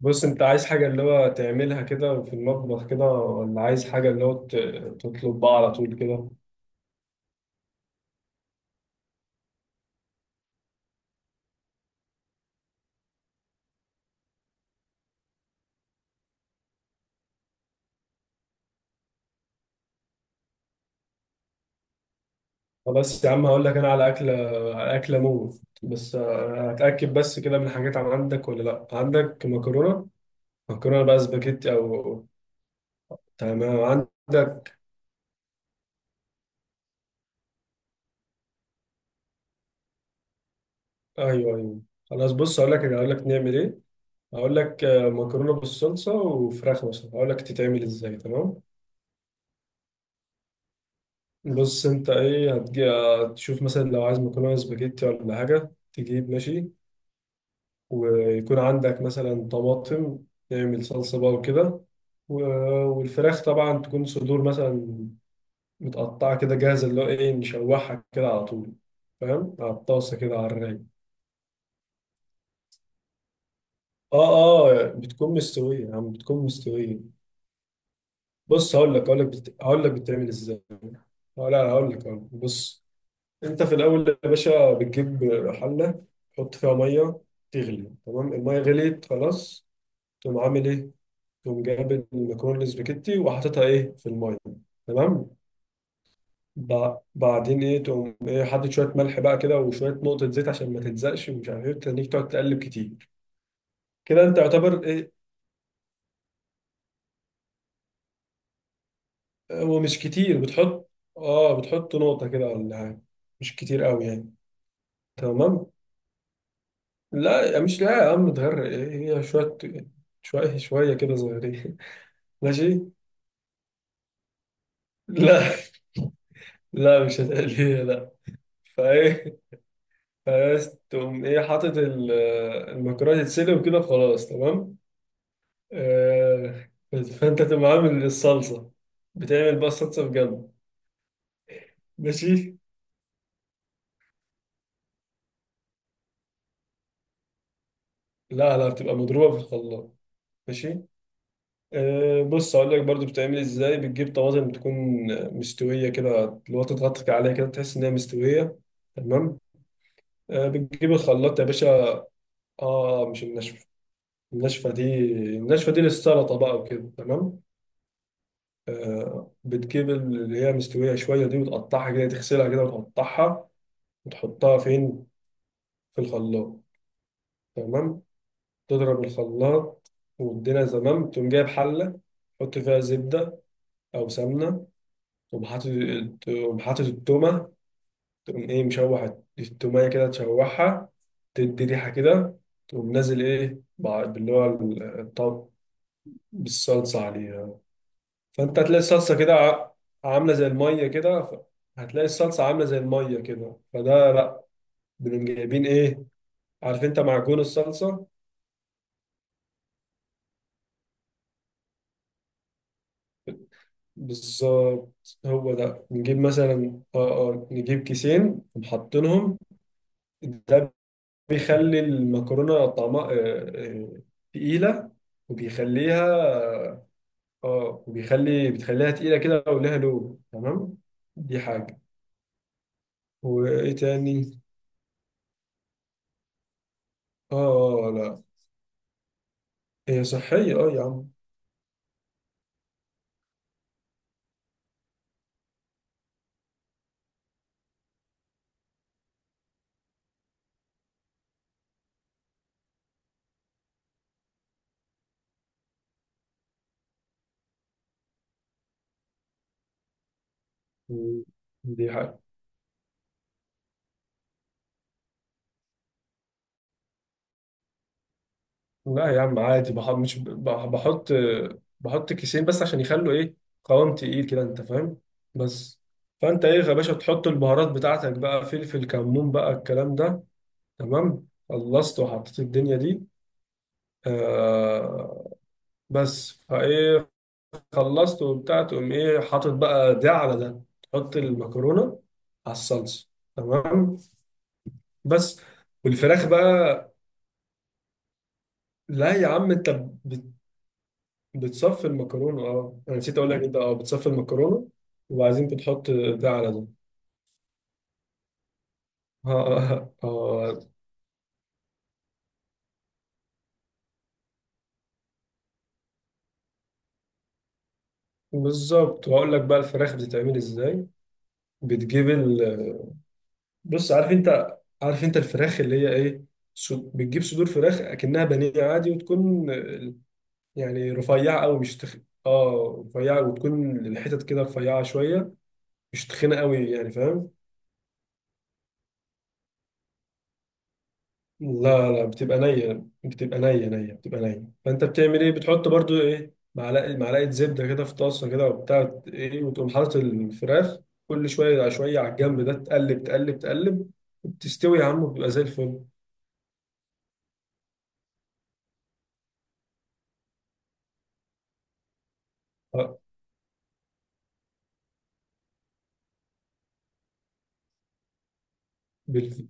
بص انت عايز حاجة اللي هو تعملها كده في المطبخ كده، ولا عايز حاجة اللي هو تطلب بقى على طول كده؟ خلاص يا عم، هقول لك انا على اكلة، على اكلة موت، بس هتأكد بس كده من الحاجات، عندك ولا لا؟ عندك مكرونة؟ مكرونة بقى سباجيتي او... تمام، عندك. ايوه ايوه. خلاص، بص هقول لك نعمل ايه. هقول لك مكرونة بالصلصة وفراخ مثلا، هقول لك تتعمل ازاي، تمام؟ بص انت ايه، هتجي تشوف مثلا لو عايز مكرونه سباجيتي ولا حاجه، تجيب، ماشي، ويكون عندك مثلا طماطم، تعمل صلصه بقى وكده. و- والفراخ طبعا تكون صدور مثلا، متقطعه كده جاهزه، اللي هو ايه، نشوحها كده على طول، فاهم؟ على الطاسه كده على الرايق. اه اه، بتكون مستويه يعني، بتكون مستويه. بص هقول لك هقول لك بتعمل ازاي. لا، لا، هقول لك هقول لك. بص، انت في الاول يا باشا بتجيب حله، تحط فيها ميه، تغلي، تمام، الميه غليت خلاص، تقوم عامل ايه، تقوم جايب المكرونه الاسباجيتي وحاططها ايه في الميه، تمام. بعدين ايه، تقوم ايه، حاطط شويه ملح بقى كده، وشويه نقطه زيت عشان ما تلزقش، ومش عارف ايه، تخليك تقعد تقلب كتير كده انت، يعتبر ايه. هو مش كتير بتحط. اه، بتحط نقطه كده ولا حاجة. مش كتير قوي يعني. تمام. لا، مش لا يا عم تغرق، ايه هي شويه، شويه شويه كده صغيرين. ماشي. لا. لا مش هتقليها، لا. فايه، بس تقوم ايه حاطط المكرونه تتسلق وكده، خلاص، تمام. آه، فانت تقوم عامل الصلصه، بتعمل بقى الصلصه بجنب. ماشي. لا، لا، بتبقى مضروبه في الخلاط. ماشي. آه، بص هقول لك برضو بتعمل ازاي، بتجيب طماطم تكون مستويه كده، اللي هو تضغط عليها كده تحس انها مستويه، تمام. آه، بتجيب الخلاط يا باشا. اه، مش الناشفه. الناشفة دي، الناشفة دي للسلطة بقى وكده، تمام. آه، بتجيب اللي هي مستوية شوية دي، وتقطعها كده، تغسلها كده، وتقطعها، وتحطها فين، في الخلاط، تمام، تضرب الخلاط. والدنيا تمام، تقوم جايب حلة، تحط فيها زبدة أو سمنة، تقوم حاطط، تقوم حاطط التومة، تقوم إيه مشوح التومية كده، تشوحها، تدي ريحة كده، تقوم نازل إيه باللي هو الطب، بالصلصة عليها. فانت هتلاقي الصلصه كده عامله زي الميه كده، هتلاقي الصلصه عامله زي الميه كده، فده لا، بنقوم جايبين ايه، عارف انت معجون الصلصه، بالظبط. هو ده، نجيب مثلا، اه اه، نجيب كيسين ومحطينهم، ده بيخلي المكرونه طعمها آه، تقيله، وبيخليها، اه، بتخليها تقيله كده، ولها لون، تمام. دي حاجه، وايه تاني. اه، لا، هي صحيه اه يا عم. مم. دي حاجة. لا يا عم عادي، بح... مش بح... بحط، بحط كيسين بس عشان يخلوا ايه، قوام تقيل كده، انت فاهم، بس. فانت ايه يا باشا، تحط البهارات بتاعتك بقى، فلفل كمون بقى الكلام ده، تمام، خلصت وحطيت الدنيا دي. آه، بس فايه، خلصت وبتاع، تقوم ايه حاطط بقى ده على ده، تحط المكرونة على الصلصة، تمام، بس، والفراخ بقى. لا يا عم، انت بتصفي المكرونة، اه، انا نسيت اقول لك، انت اه بتصفي المكرونة، وبعدين بتحط ده على ده. اه اه، بالظبط، وهقول لك بقى الفراخ بتتعمل ازاي. بتجيب ال، بص عارف انت الفراخ اللي هي ايه، بتجيب صدور فراخ اكنها بانيه عادي، وتكون يعني رفيعة قوي، مش اه رفيعة، وتكون الحتت كده رفيعة شوية، مش تخينة قوي يعني، فاهم. لا، لا، بتبقى نية، بتبقى نية نية بتبقى نية، فأنت بتعمل إيه، بتحط برضو إيه، معلقة معلقة زبدة كده في طاسة كده، وبتاع إيه، وتقوم حاطط الفراخ كل شوية على شوية، على الجنب ده، تقلب تقلب تقلب، وبتستوي يا عم وبتبقى زي الفل. آه، بال...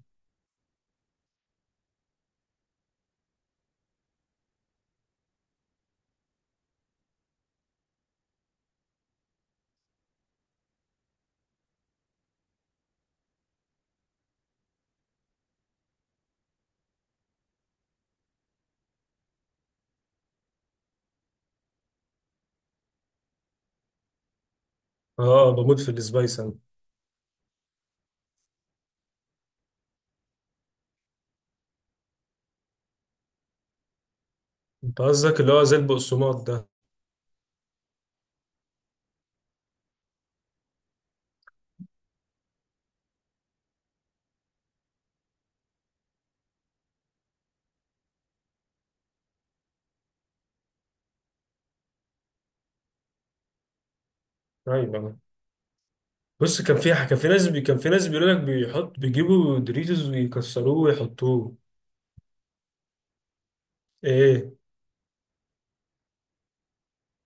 آه بموت في السبايس أنا. أنت قصدك اللي هو زي البقسماط ده. أيوه، بص كان في، كان في ناس بيقول لك بيحط بيجيبوا دوريتوز ويكسروه ويحطوه. إيه،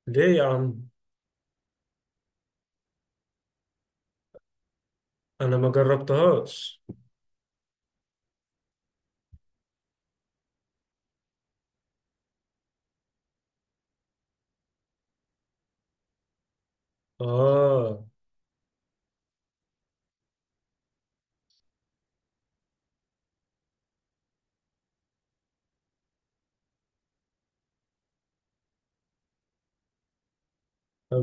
ليه يا عم. أنا ما جربتهاش. اه، طب،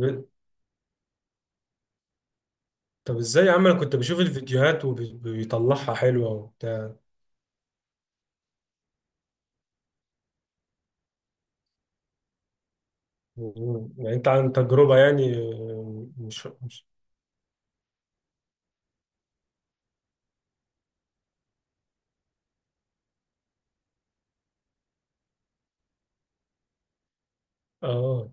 ازاي يا عم، انا كنت بشوف الفيديوهات وبيطلعها حلوه وبتاع. يعني انت عن تجربه يعني، مش. اه،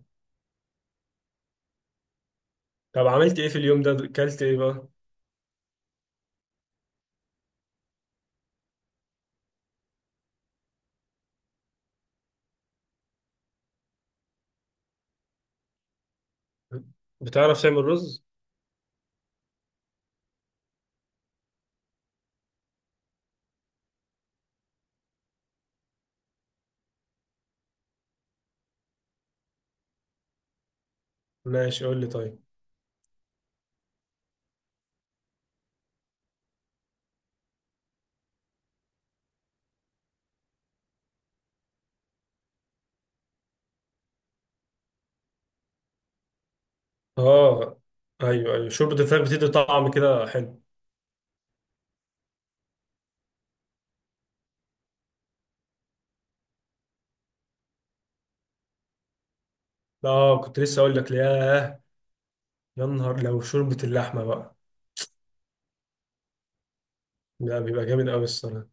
طب عملت ايه في اليوم ده، اكلت ايه بقى. بتعرف تعمل رز؟ ماشي قول لي طيب. اه، ايوه ايوه، شوربه الفراخ بتدي طعم كده حلو. اه كنت لسه اقول لك، ياه، يا نهار لو شوربه اللحمه بقى، ده بيبقى جامد قوي الصراحه.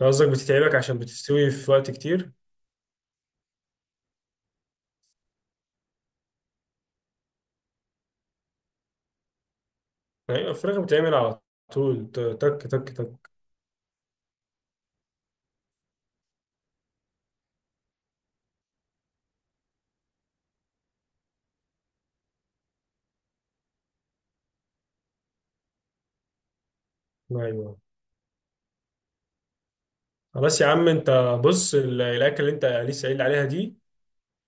أنت قصدك بتتعبك عشان بتستوي في وقت كتير؟ ايوه الفراخ بتعمل على طول، تك تك تك. ايوه، خلاص يا عم، انت بص الاكل اللي انت لسه قايل عليها دي،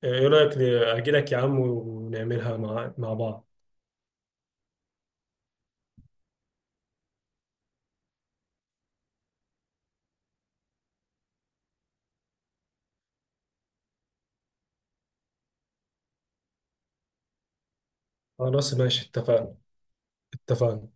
ايه رايك اجي لك يا عم ونعملها مع بعض. خلاص ماشي اتفقنا. اتفقنا.